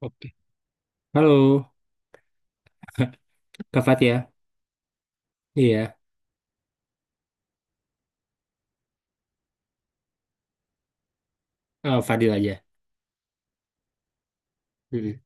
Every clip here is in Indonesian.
Oke. Halo, Kak Fatia. Iya, Fadil aja. Mm-mm.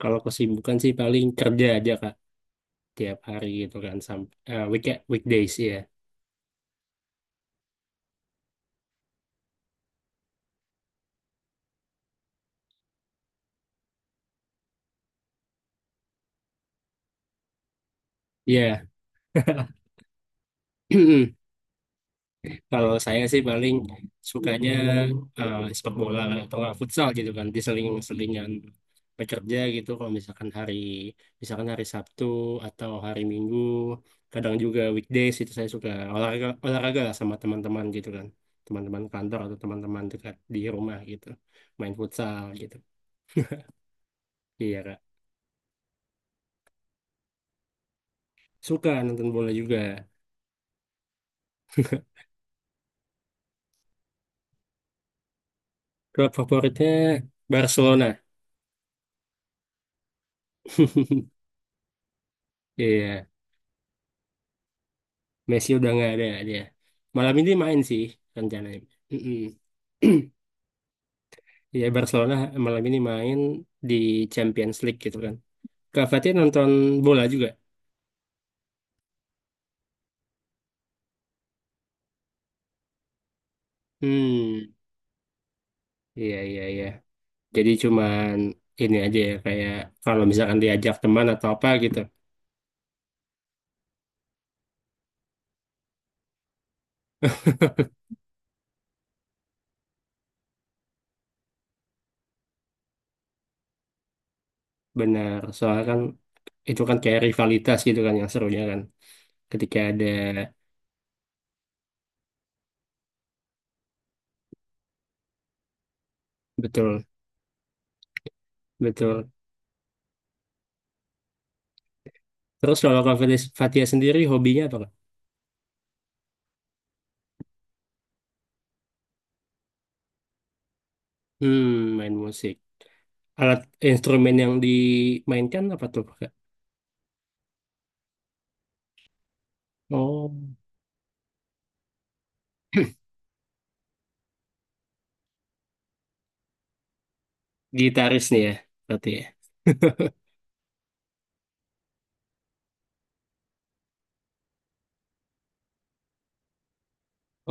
Kalau kesibukan sih paling kerja aja, Kak. Tiap hari gitu kan. Sampai, weekend, weekdays, ya, Iya. Kalau saya sih paling sukanya sepak bola atau nggak futsal gitu kan, diseling-selingan bekerja gitu. Kalau misalkan hari Sabtu atau hari Minggu, kadang juga weekdays itu saya suka olahraga olahraga lah sama teman-teman gitu kan, teman-teman kantor atau teman-teman dekat di rumah gitu, main futsal gitu. Iya kak, suka nonton bola juga. Klub favoritnya Barcelona. Iya. Messi udah nggak ada dia. Malam ini main sih rencananya. Mm-mm. Ya Barcelona malam ini main di Champions League gitu kan. Kak Fatih nonton bola juga. Hmm, iya iya iya. Jadi cuman ini aja ya kayak kalau misalkan diajak teman atau apa gitu. Benar, soalnya kan itu kan kayak rivalitas gitu kan yang serunya kan. Ketika ada betul betul. Terus kalau Kak Fatih Fatih sendiri hobinya apa, Kak? Hmm, main musik. Alat instrumen yang dimainkan apa tuh, Kak? Oh, gitaris nih ya, berarti ya.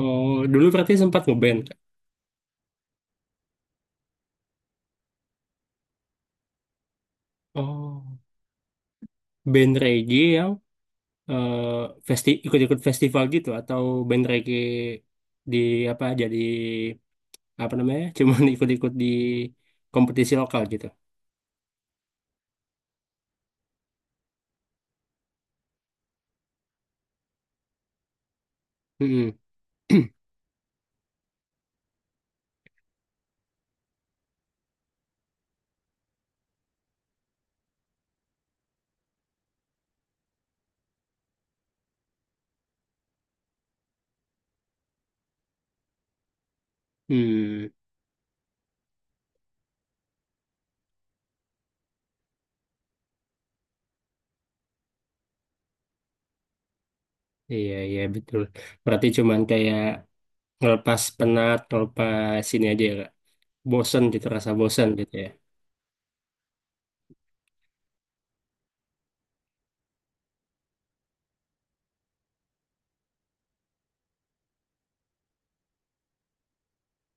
Oh, dulu berarti sempat ngeband, Kak. Oh, band reggae yang eh, festi ikut-ikut festival gitu atau band reggae di apa jadi apa namanya? Cuman ikut-ikut di kompetisi lokal gitu. Mm-mm. Hmm, iya iya betul. Berarti cuman kayak ngelepas penat, ngelepas ini aja ya, Kak. Bosen gitu, rasa bosen gitu ya?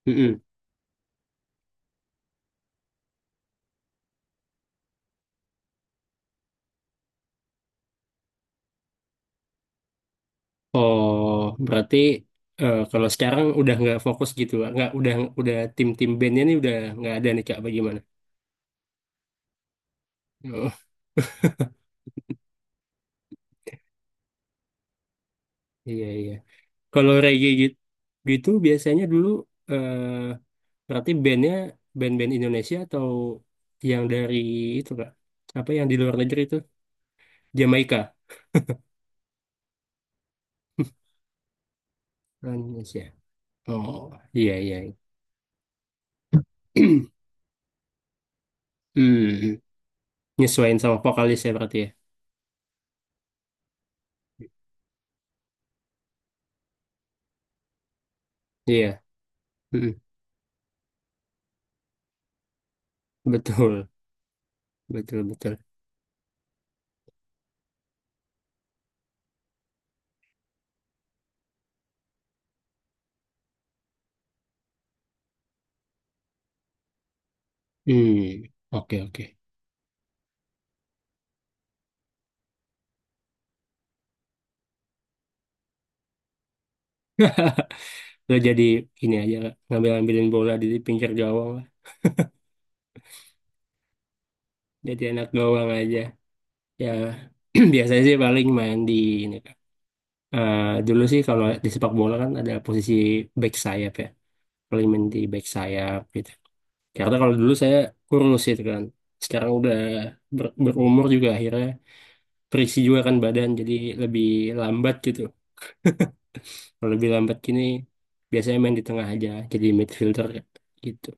Mm-mm. Oh, berarti kalau sekarang udah nggak fokus gitu, nggak udah tim-tim bandnya nih udah nggak ada nih kak, bagaimana? Oh, iya iya. Kalau reggae gitu, gitu biasanya dulu eh, berarti bandnya band-band Indonesia atau yang dari itu kak? Apa yang di luar negeri itu? Jamaika, Indonesia. Oh, iya iya. Iya. Hmm, nyesuaiin sama vokalis ya berarti ya. Iya, mm, betul, betul betul. Hmm, oke oke. Nggak jadi ini aja ngambil-ngambilin bola di pinggir gawang lah. Jadi anak gawang aja. Ya biasanya sih paling main di ini Kak. Eh, dulu sih kalau di sepak bola kan ada posisi back sayap ya. Paling main di back sayap gitu. Karena kalau dulu saya kurus itu kan. Sekarang udah berumur juga akhirnya terisi juga kan badan jadi lebih lambat gitu. Kalau lebih lambat gini biasanya main di tengah aja jadi midfielder gitu.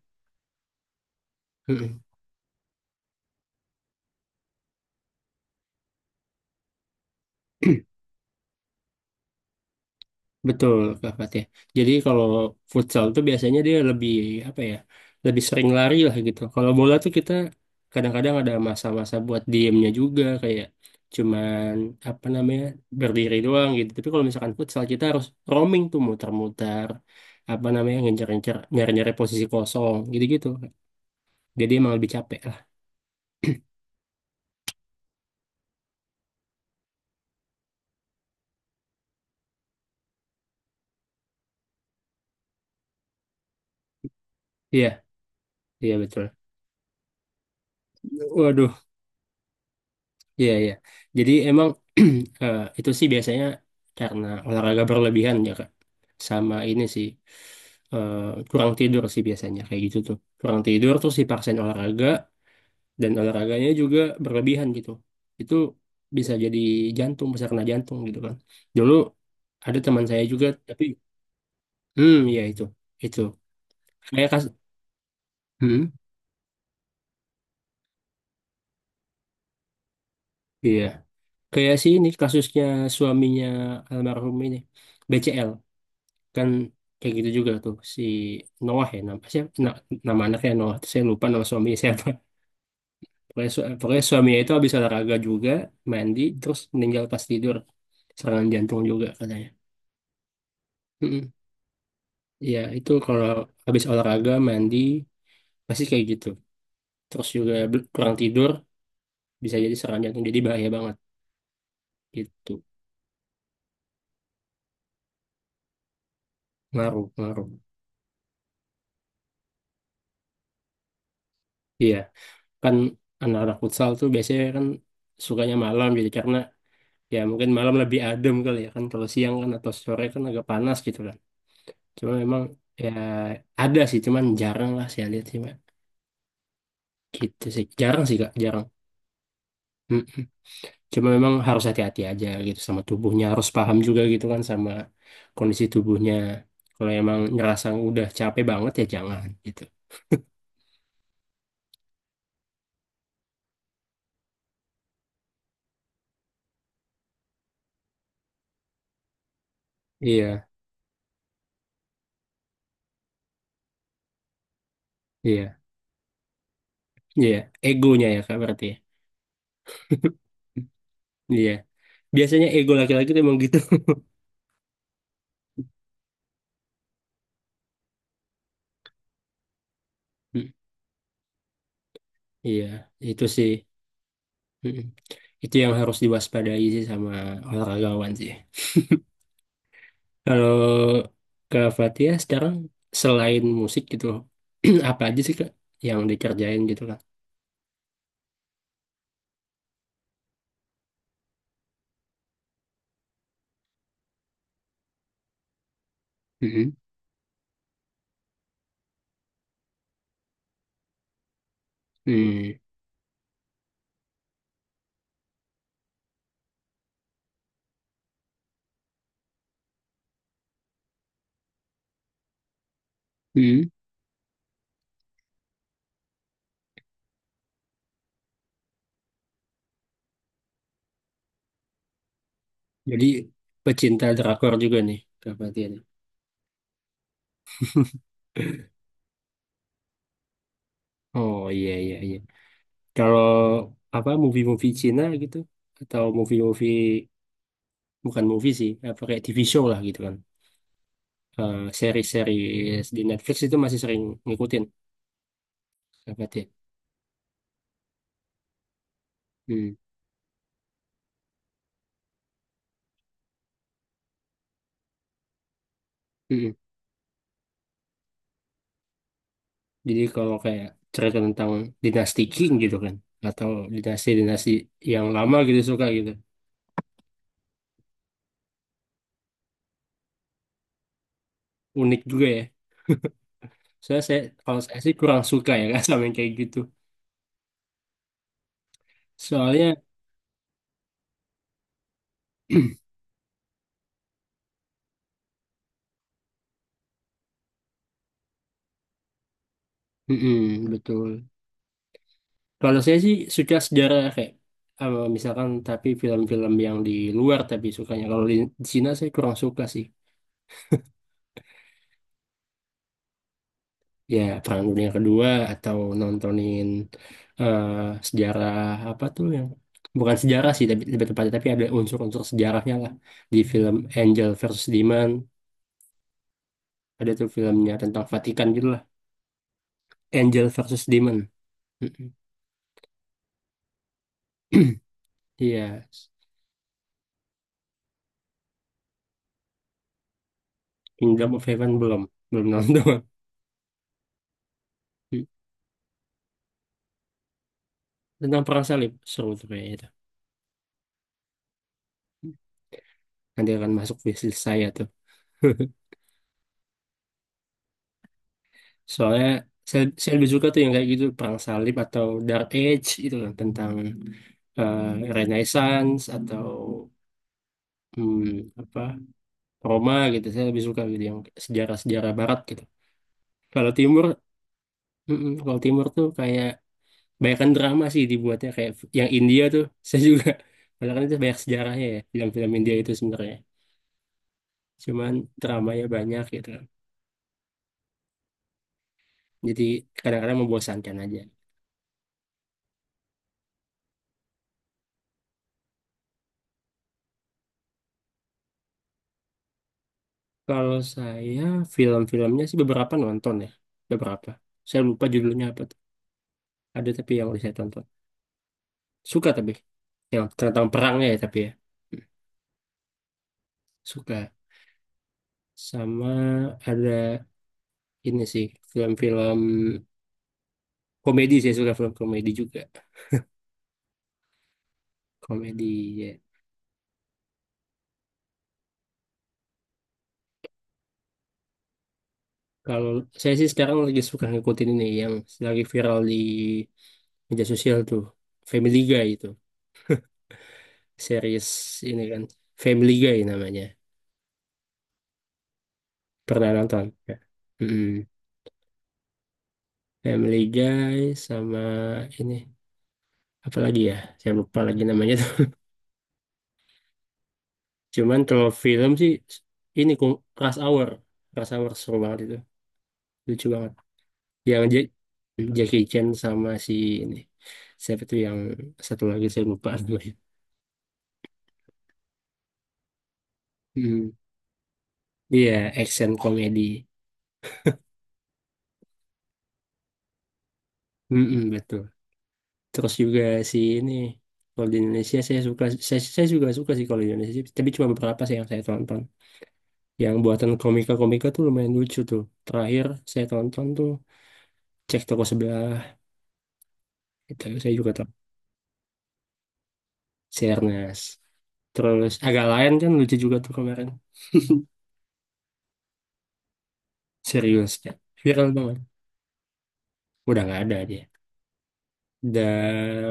Betul, Kak Fatih. Jadi kalau futsal tuh biasanya dia lebih apa ya, lebih sering lari lah gitu. Kalau bola tuh kita kadang-kadang ada masa-masa buat diemnya juga kayak cuman apa namanya berdiri doang gitu. Tapi kalau misalkan futsal kita harus roaming tuh muter-muter apa namanya ngejar-ngejar nyari-nyari posisi kosong gitu-gitu. Jadi emang lebih capek lah. Iya, iya betul. Waduh, iya, iya. Jadi emang itu sih biasanya karena olahraga berlebihan ya, Kak. Sama ini sih eh, kurang tidur sih biasanya kayak gitu tuh. Kurang tidur terus dipaksain olahraga dan olahraganya juga berlebihan gitu. Itu bisa jadi jantung, bisa kena jantung gitu kan. Dulu ada teman saya juga tapi ya itu. Itu. Kayak kas hmm iya. Kayak sih ini kasusnya suaminya almarhum ini BCL. Kan kayak gitu juga tuh si Noah ya nama siapa nama anaknya Noah. Terus saya lupa nama suaminya siapa. Pokoknya suaminya itu habis olahraga juga mandi terus meninggal pas tidur, serangan jantung juga katanya. Mm-mm. Ya itu kalau habis olahraga mandi pasti kayak gitu terus juga kurang tidur bisa jadi serangan jantung, jadi bahaya banget gitu. Ngaruh ngaruh iya. Kan anak-anak futsal tuh biasanya kan sukanya malam, jadi karena ya mungkin malam lebih adem kali ya kan. Kalau siang kan atau sore kan agak panas gitu kan. Cuma memang ya ada sih cuman jarang lah saya lihat sih Mbak. Gitu sih jarang sih kak jarang. Mm-mm. Cuma memang harus hati-hati aja gitu sama tubuhnya, harus paham juga gitu kan sama kondisi tubuhnya. Kalau emang ngerasa udah capek banget ya jangan gitu. Iya iya iya, egonya ya kak berarti ya. Iya, biasanya ego laki-laki tuh emang gitu. Mm, iya itu sih. Mm-mm. Itu yang harus diwaspadai sih sama olahragawan sih. Kalau ke Fatia sekarang selain musik gitu, loh, apa aja sih Kak yang dikerjain gitu Kak? Mm-mm. Mm. Mm. Jadi pecinta drakor juga nih Kak Fatia nih. Oh iya iya iya. Kalau apa movie-movie Cina gitu atau movie-movie bukan movie sih, apa kayak TV show lah gitu kan. Seri-seri di Netflix itu masih sering ngikutin Kak Fatia. Mm. Jadi kalau kayak cerita tentang dinasti King gitu kan, atau dinasti-dinasti yang lama gitu suka gitu. Unik juga ya. Soalnya kalau saya sih kurang suka ya kan sama yang kayak gitu. Soalnya, mm-mm, betul. Kalau saya sih suka sejarah kayak, misalkan tapi film-film yang di luar tapi sukanya. Kalau di Cina saya kurang suka sih. Ya Perang Dunia Kedua atau nontonin eh, sejarah apa tuh yang bukan sejarah sih tapi lebih tepatnya tapi ada unsur-unsur sejarahnya lah di film Angel versus Demon. Ada tuh filmnya tentang Vatikan gitu lah. Angel versus Demon. Mm-mm. Iya. Kingdom of Heaven belum, belum nonton. Tentang perang salib seru tuh kayaknya itu. Nanti akan masuk wishlist saya tuh. Soalnya saya lebih suka tuh yang kayak gitu perang salib atau Dark Age itu kan tentang eh, Renaissance atau apa Roma gitu. Saya lebih suka gitu yang sejarah-sejarah Barat gitu. Kalau Timur, mm-mm, kalau Timur tuh kayak banyakkan drama sih dibuatnya kayak yang India tuh. Saya juga padahal kan itu banyak sejarahnya ya film-film India itu sebenarnya. Cuman dramanya banyak gitu. Kan. Jadi kadang-kadang membosankan aja. Kalau saya film-filmnya sih beberapa nonton ya, beberapa. Saya lupa judulnya apa tuh. Ada tapi yang saya tonton. Suka tapi yang tentang perangnya ya tapi ya. Hmm, suka. Sama ada ini sih film-film komedi, saya suka film komedi juga. Komedi ya. Kalau saya sih sekarang lagi suka ngikutin ini yang lagi viral di media sosial tuh. Family Guy itu. Series ini kan. Family Guy namanya. Pernah nonton? Ya. Family Guy sama ini apa lagi ya? Saya lupa lagi namanya tuh. Cuman kalau film sih ini Rush Hour. Rush Hour seru banget itu. Lucu banget. Yang Jackie Chan sama si ini. Siapa tuh yang satu lagi saya lupa namanya. Hmm. Iya, action komedi. Mm-mm, betul. Terus juga si ini kalau di Indonesia saya juga suka sih kalau di Indonesia tapi cuma beberapa sih yang saya tonton. Yang buatan komika-komika tuh lumayan lucu tuh. Terakhir saya tonton tuh cek toko sebelah, itu saya juga tonton si Ernest. Terus agak lain kan lucu juga tuh kemarin, serius kan viral banget. Udah nggak ada dia. Udah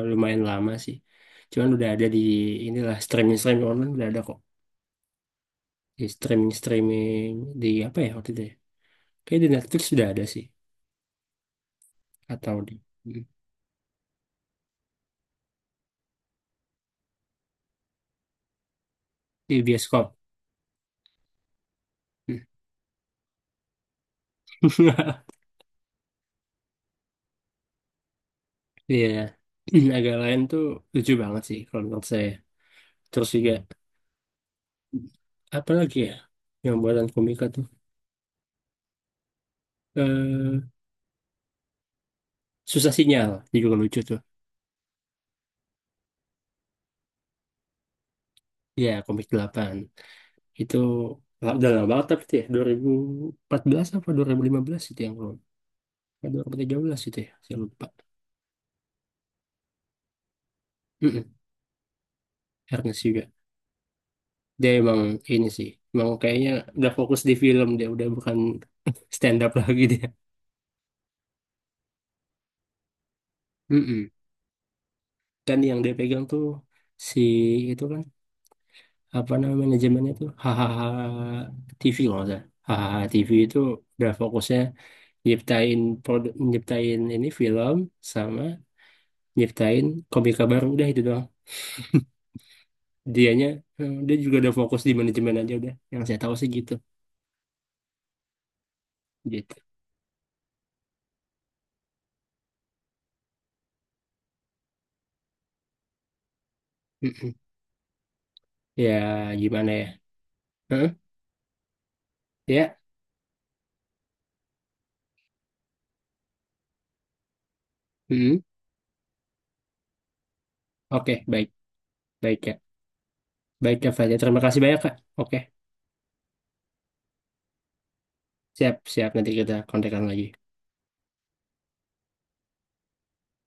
lumayan lama sih. Cuman udah ada di inilah streaming streaming online udah ada kok. Di streaming streaming di apa ya waktu itu ya? Kayak di Netflix sudah ada sih atau di bioskop. Iya, agak lain tuh lucu banget sih kalau menurut saya. Terus juga apa lagi ya yang buatan komika tuh? Eh, Susah Sinyal juga lucu tuh. Ya komik 8 itu udah lama banget tapi tuh ya 2014 apa 2015 itu yang belum. 2013 itu ya saya lupa. Mm-mm, Ernest juga. Dia emang ini sih. Emang kayaknya udah fokus di film dia udah bukan stand up lagi dia. Mm-mm. Dan yang dia pegang tuh si itu kan apa namanya manajemennya tuh hahaha TV kalau nggak salah hahaha TV itu udah fokusnya nyiptain produk nyiptain ini film sama nyiptain komika baru udah itu doang dianya, dia juga udah fokus di manajemen aja udah yang saya tahu sih gitu gitu. Mm-mm. Ya gimana ya. Heeh, ya. Mm-mm. Oke baik baik ya, baik ya Fadya, terima kasih banyak kak. Oke siap siap nanti kita kontekan lagi.